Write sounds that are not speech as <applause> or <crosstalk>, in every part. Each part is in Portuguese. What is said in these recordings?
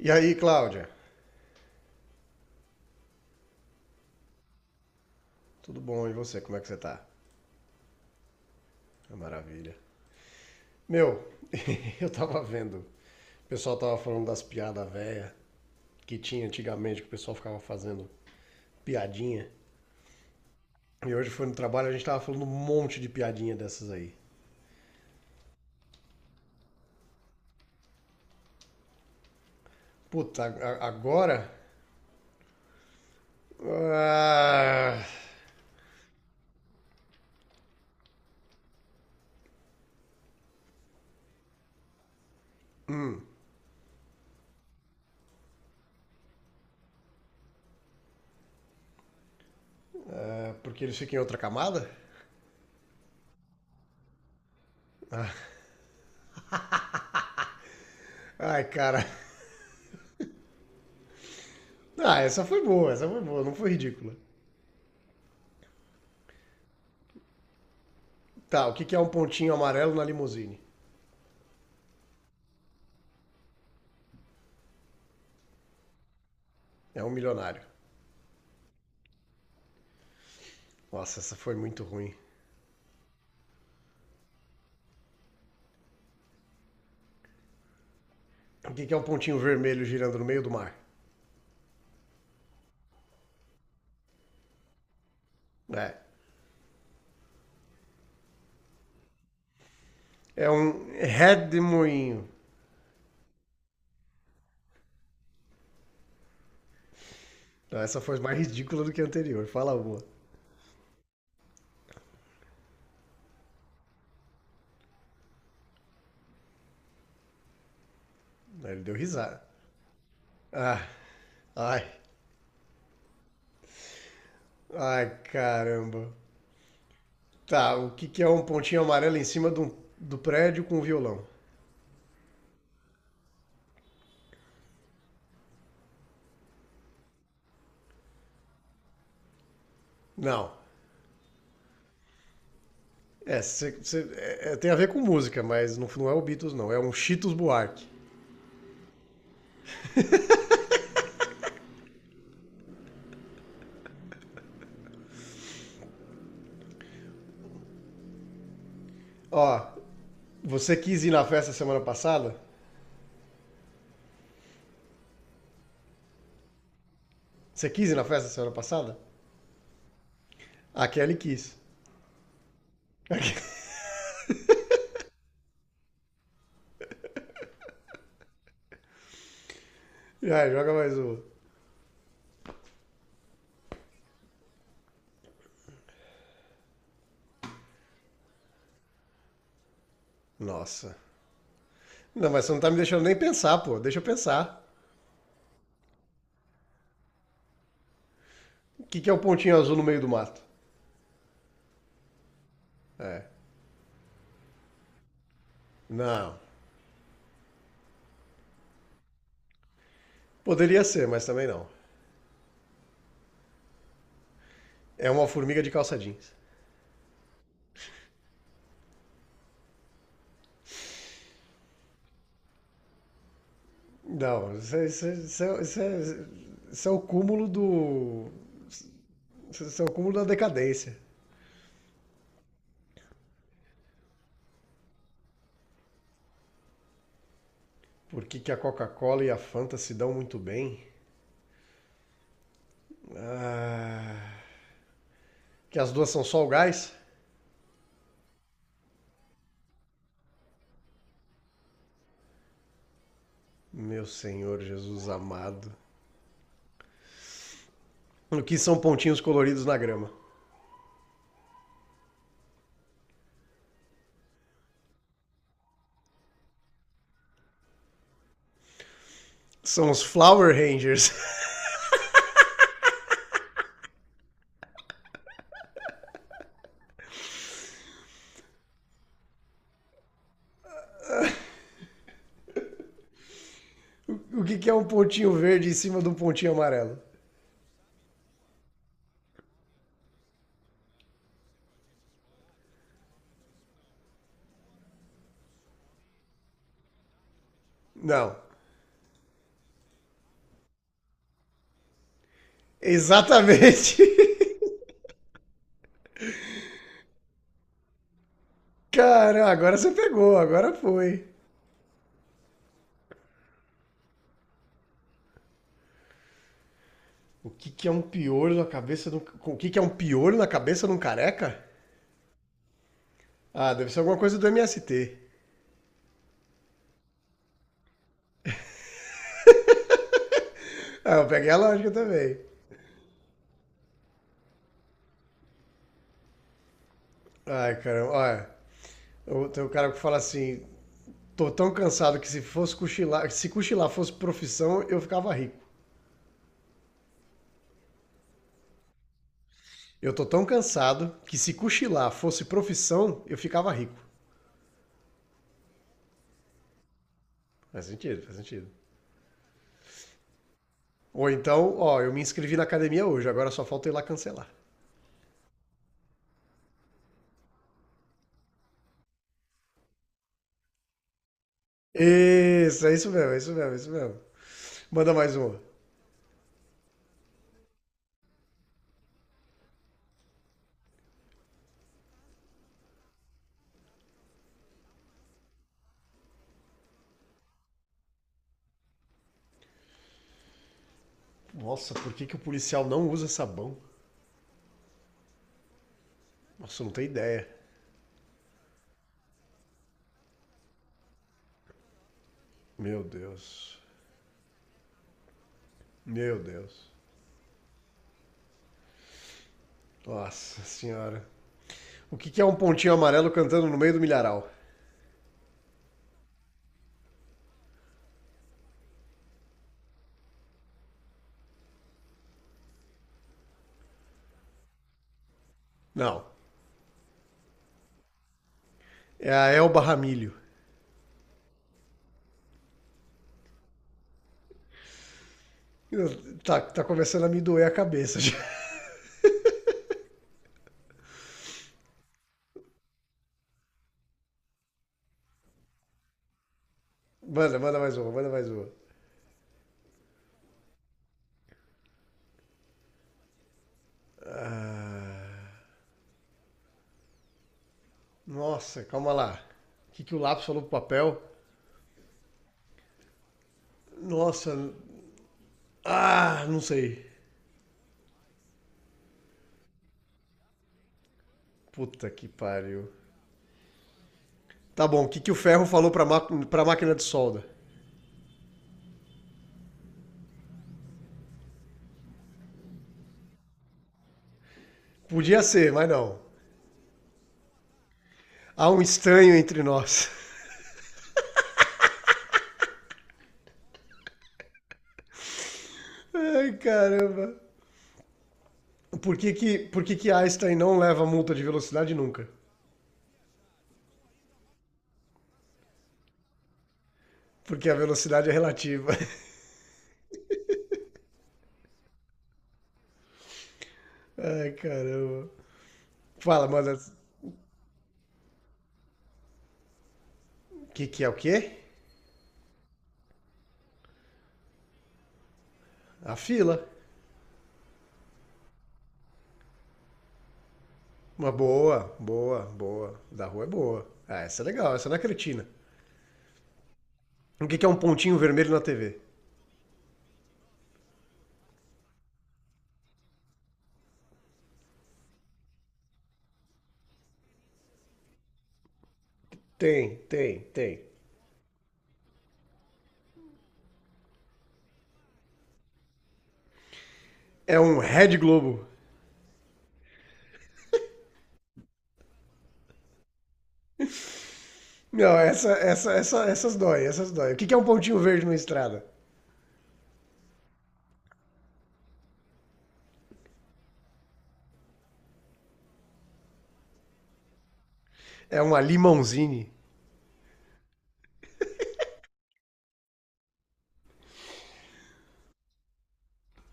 E aí, Cláudia? Tudo bom? E você? Como é que você tá? É maravilha. Meu, <laughs> eu tava vendo. O pessoal tava falando das piadas velhas que tinha antigamente, que o pessoal ficava fazendo piadinha. E hoje foi no trabalho, a gente tava falando um monte de piadinha dessas aí. Puta, agora? Ah, é porque eles ficam em outra camada? Ai, cara. <laughs> Ah, essa foi boa, não foi ridícula. Tá, o que que é um pontinho amarelo na limusine? É um milionário. Nossa, essa foi muito ruim. O que é um pontinho vermelho girando no meio do mar? É. É um redemoinho. Não, essa foi mais ridícula do que a anterior. Fala uma. Ele deu risada. Ah, ai. Ai, caramba. Tá, o que que é um pontinho amarelo em cima do, do prédio com um violão? Não. É, tem a ver com música, mas não, não é o Beatles, não. É um Cheetos Buarque. Ó, você quis ir na festa semana passada? Você quis ir na festa semana passada? A Kelly quis. Ah, joga mais uma. Nossa. Não, mas você não tá me deixando nem pensar, pô. Deixa eu pensar. O que que é o pontinho azul no meio do mato? É. Não. Poderia ser, mas também não. É uma formiga de calça jeans. Não, isso é, isso é o cúmulo do. Isso é o cúmulo da decadência. Por que que a Coca-Cola e a Fanta se dão muito bem? Que as duas são só o gás? Meu Senhor Jesus amado. O que são pontinhos coloridos na grama? São os Flower Rangers. <laughs> O que que é um pontinho verde em cima de um pontinho amarelo? Não. Exatamente. <laughs> Cara, agora você pegou, agora foi. O que que é um piolho na cabeça de um... O que que é um piolho na cabeça de um careca? Ah, deve ser alguma coisa do MST. Ah, eu peguei a lógica também. Ai, caramba, olha. Tem um cara que fala assim: tô tão cansado que se cochilar fosse profissão, eu ficava rico. Eu tô tão cansado que se cochilar fosse profissão, eu ficava rico. Faz sentido, faz sentido. Ou então, ó, eu me inscrevi na academia hoje, agora só falta eu ir lá cancelar. Isso, é isso mesmo, é isso mesmo, é isso mesmo. Manda mais uma. Nossa, por que que o policial não usa sabão? Nossa, eu não tenho ideia. Meu Deus. Meu Deus. Nossa senhora. O que que é um pontinho amarelo cantando no meio do milharal? Não. É a Elba Ramilho. Tá, tá começando a me doer a cabeça já. <laughs> Manda, manda mais uma, manda mais uma. Ah, nossa, calma lá. O que que o lápis falou pro papel? Nossa, ah, não sei. Puta que pariu. Tá bom, o que que o ferro falou pra máquina de solda? Podia ser, mas não. Há um estranho entre nós. <laughs> Ai, caramba. Por que que Einstein não leva multa de velocidade nunca? Porque a velocidade é relativa. <laughs> Ai, caramba. Fala, manda. O que que é o quê? A fila. Uma boa, boa, boa. Da rua é boa. Ah, essa é legal, essa não é cretina. O que que é um pontinho vermelho na TV? Tem, tem, tem. É um Red Globo. Não, essas dói, essas dói. O que que é um pontinho verde numa estrada? É uma Limonzine.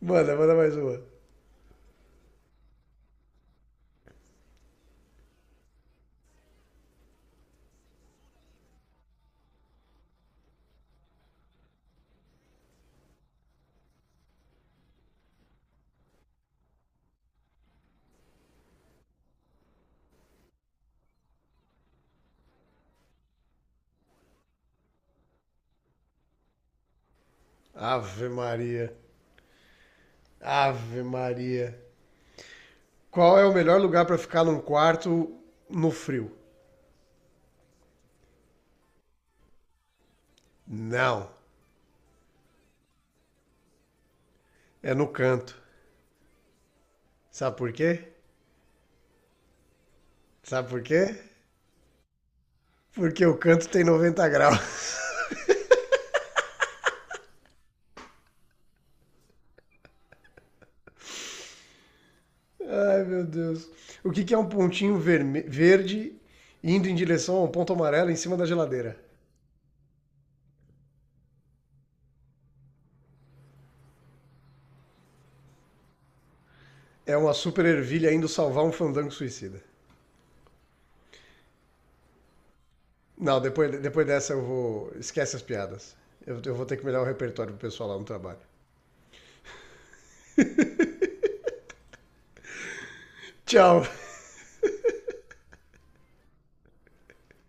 Manda, manda mais uma. Ave Maria. Ave Maria. Qual é o melhor lugar pra ficar num quarto no frio? Não, é no canto. Sabe por quê? Sabe por quê? Porque o canto tem 90 graus. <laughs> Ai, meu Deus. O que que é um pontinho verde indo em direção a um ponto amarelo em cima da geladeira? É uma super ervilha indo salvar um fandango suicida. Não, depois, depois dessa eu vou. Esquece as piadas. Eu vou ter que melhorar o repertório pro pessoal lá no trabalho. Tchau!